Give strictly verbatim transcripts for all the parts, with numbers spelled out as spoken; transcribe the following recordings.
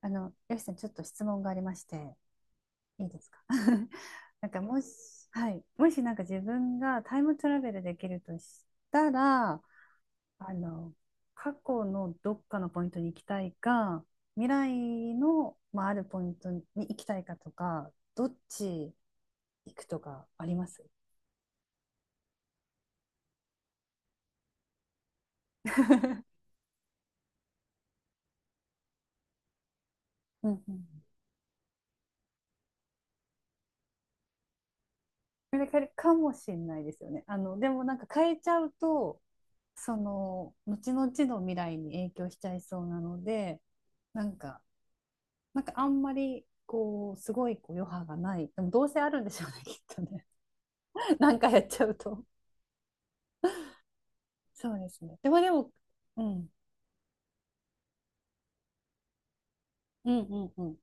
あの、よしさん、ちょっと質問がありまして、いいですか。 なんか、もし、はい、もしなんか自分がタイムトラベルできるとしたら、あの、過去のどっかのポイントに行きたいか、未来の、まあ、あるポイントに行きたいかとか、どっち行くとかあります？ うんうん。それかかもしれないですよね。あの、でもなんか変えちゃうと、その、後々の未来に影響しちゃいそうなので、なんか、なんかあんまりこうすごいこう余波がない、でもどうせあるんでしょうね、きっとね。 なんかやっちゃうと、そうですね。でもでも、うん、うんうんうん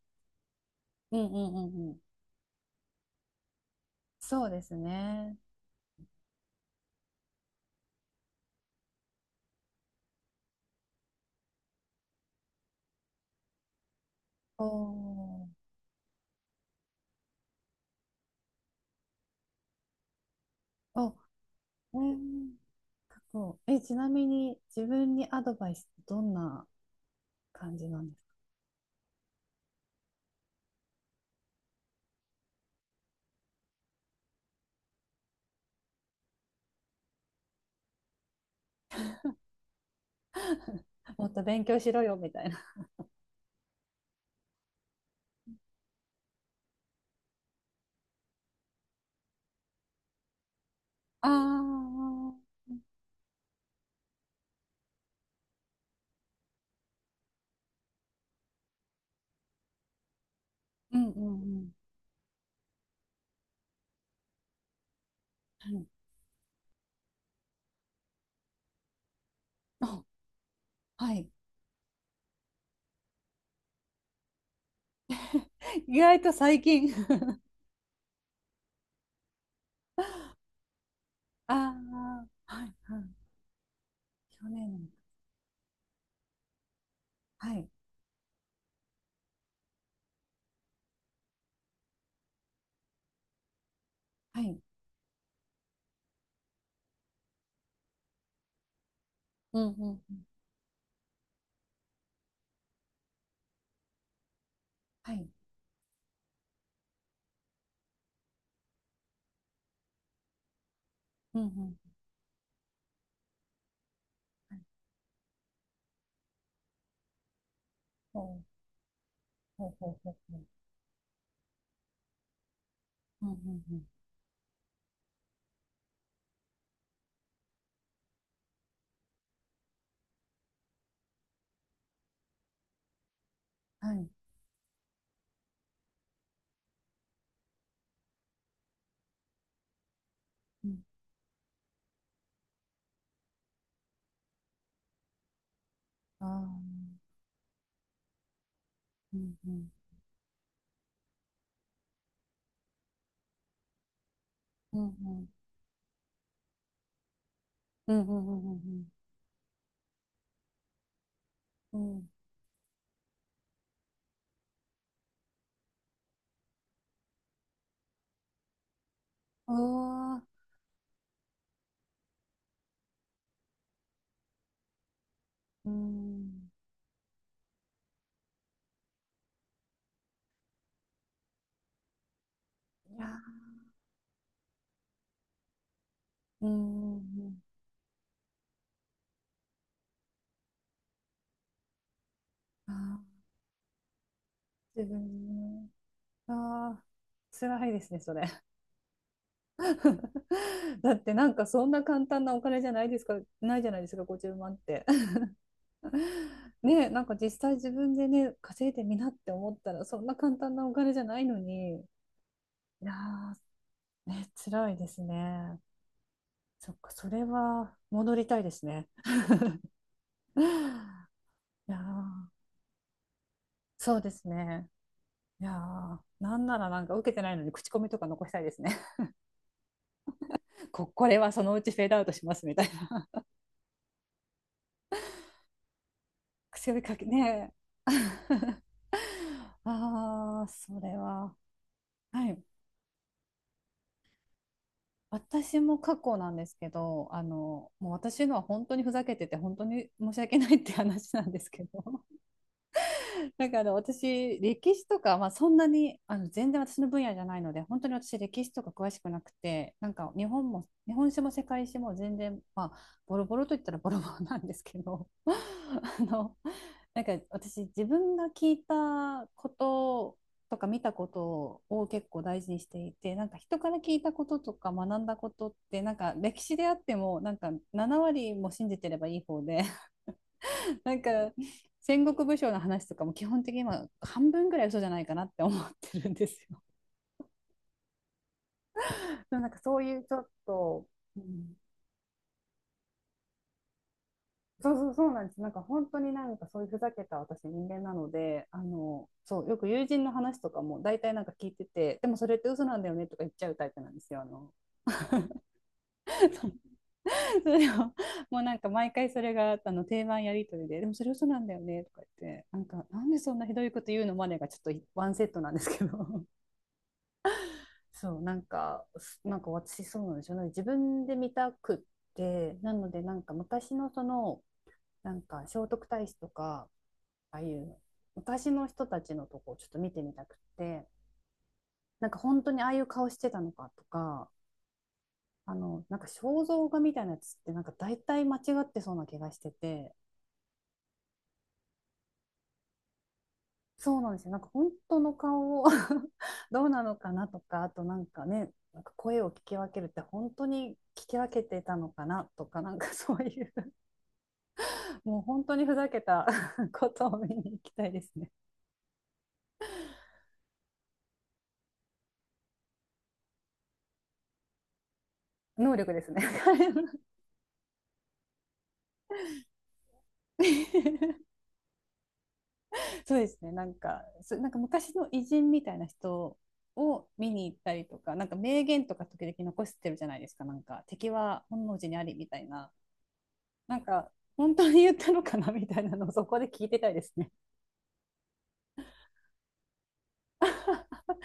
うんうんうんうん、そうですね。おー、お、うん。過去、えちなみに自分にアドバイスってどんな感じなんですか？もっと勉強しろよみたいな。あー、うんうんうんうん。あ、はい。意外と最近。 ああ、はいはい、去年、はいはい。うんうん。はい。うんうん。はい、ほうほうほう、ほうほう。うんうんうん。はい。うん。ああ。うんうん。うんうん。うんうんうんうんうん。うん。ああ。うん。いやー。うんうんうん。ああ。自分、ね。ああ。辛いですね、それ。だってなんかそんな簡単なお金じゃないですか、ないじゃないですか、ごじゅうまんって。ね、なんか実際自分でね、稼いでみなって思ったら、そんな簡単なお金じゃないのに、いやー、ね、辛いですね。そっか、それは戻りたいですね。いやー、そうですね。いやー、なんならなんか受けてないのに口コミとか残したいですね。こ、これはそのうちフェードアウトしますみたいな。癖をかけね。ああ、それは。はい。私も過去なんですけど、あの、もう私のは本当にふざけてて、本当に申し訳ないって話なんですけど、なんかあの私歴史とか、まあ、そんなにあの全然私の分野じゃないので、本当に私歴史とか詳しくなくて、なんか日本も日本史も世界史も全然、まあ、ボロボロといったらボロボロなんですけど、 あのなんか私自分が聞いたこととか見たことを結構大事にしていて、なんか人から聞いたこととか学んだことってなんか歴史であってもなんかなな割も信じてればいい方で、なんか戦国武将の話とかも基本的に今半分ぐらい嘘じゃないかなって思ってるんですよ。なんかそういうちょっと、うん、そうそうそうなんです。なんか本当になんかそういうふざけた私人間なので、あの、そう、よく友人の話とかも大体なんか聞いてて、でもそれって嘘なんだよねとか言っちゃうタイプなんですよ。あの、 それをもうなんか毎回それがあの定番やり取りで、でもそれ嘘なんだよねとか言って、なんかなんでそんなひどいこと言うのまでがちょっとワンセットなんですけど。そう、なんか、なんか私そうなんですよ。ね、自分で見たくって、なのでなんか昔のその、なんか聖徳太子とか、ああいう昔の人たちのとこをちょっと見てみたくって、なんか本当にああいう顔してたのかとか、あの、なんか肖像画みたいなやつってなんか大体間違ってそうな気がしてて、そうなんですよ。なんか本当の顔を、 どうなのかなとか、あとなんかね、なんか声を聞き分けるって本当に聞き分けてたのかなとか、なんかそういうもう本当にふざけた ことを見に行きたいですね。能力ですね。 そうですね。なんか、なんか昔の偉人みたいな人を見に行ったりとか、なんか名言とか時々残してるじゃないですか。なんか敵は本能寺にありみたいな。なんか本当に言ったのかなみたいなのをそこで聞いてたいですね。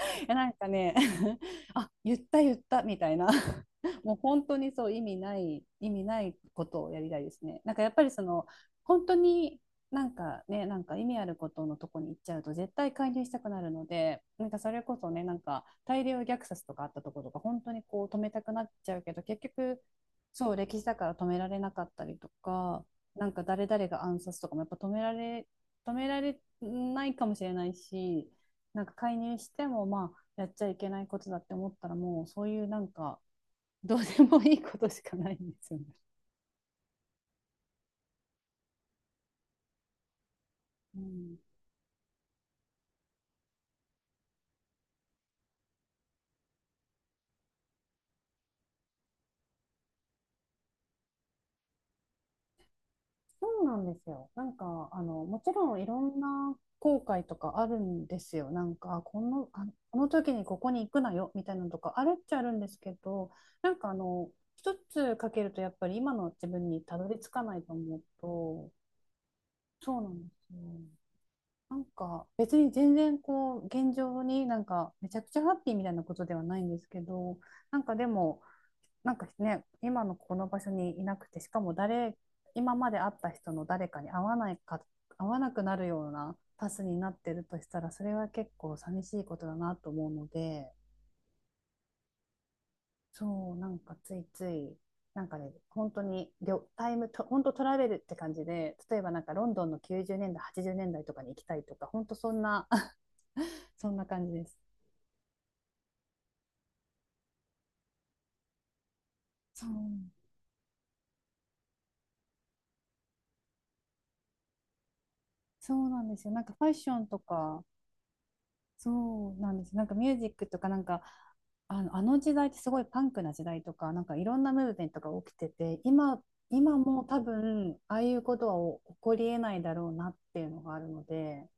なんかね、 あ、言った言ったみたいな。 もう本当にそう意味ない意味ないことをやりたいですね。なんかやっぱりその、本当になんかね、なんか意味あることのとこに行っちゃうと絶対介入したくなるので、なんかそれこそね、なんか大量虐殺とかあったところとか本当にこう止めたくなっちゃうけど、結局そう歴史だから止められなかったりとか、なんか誰々が暗殺とかもやっぱ止められ止められないかもしれないし、なんか介入してもまあやっちゃいけないことだって思ったら、もうそういうなんかどうでもいいことしかないんですよね。うん、そうなんですよ。なんか、あの、もちろんいろんな後悔とかあるんですよ。なんか、この、あ、この時にここに行くなよみたいなのとかあるっちゃあるんですけど、なんかあの、一つかけるとやっぱり今の自分にたどり着かないと思うと、そうなんですよ。なんか別に全然こう現状になんかめちゃくちゃハッピーみたいなことではないんですけど、なんかでもなんかね、今のこの場所にいなくて、しかも誰、今まで会った人の誰かに会わないか会わなくなるようなパスになってるとしたら、それは結構寂しいことだなと思うので、そう、なんかついつい、なんかね、本当にりょタイムと本当トラベルって感じで、例えばなんかロンドンのきゅうじゅうねんだいはちじゅうねんだいとかに行きたいとか、本当そんな。そんな感じです。そう、そうなんですよ。なんかファッションとか、そうなんです。なんかミュージックとか、なんか、あの、あの時代ってすごいパンクな時代とか、なんかいろんなムーブメントが起きてて、今、今も多分、ああいうことは起こりえないだろうなっていうのがあるので、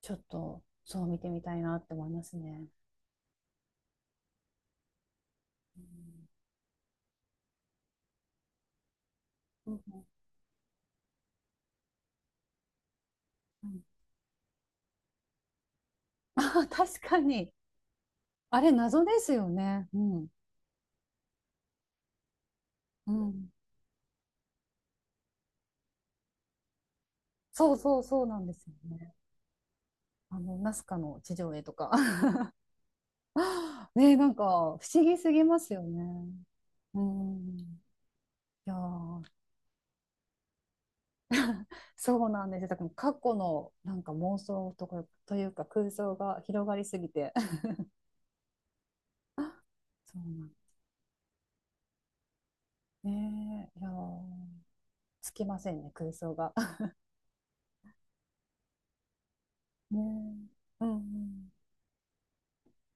ちょっと、そう見てみたいなって思いますね。うんうん、あ、確かに。あれ、謎ですよね。うん。うん、そうそうそうなんですよね。あの、ナスカの地上絵とか。ねえ、なんか、不思議すぎますよね。うん。いやー、そうなんですよ。だから過去のなんか妄想とか、というか空想が広がりすぎて。そうなん、ねえ、いやー、つきませんね、空想が。ねえ。うんうん。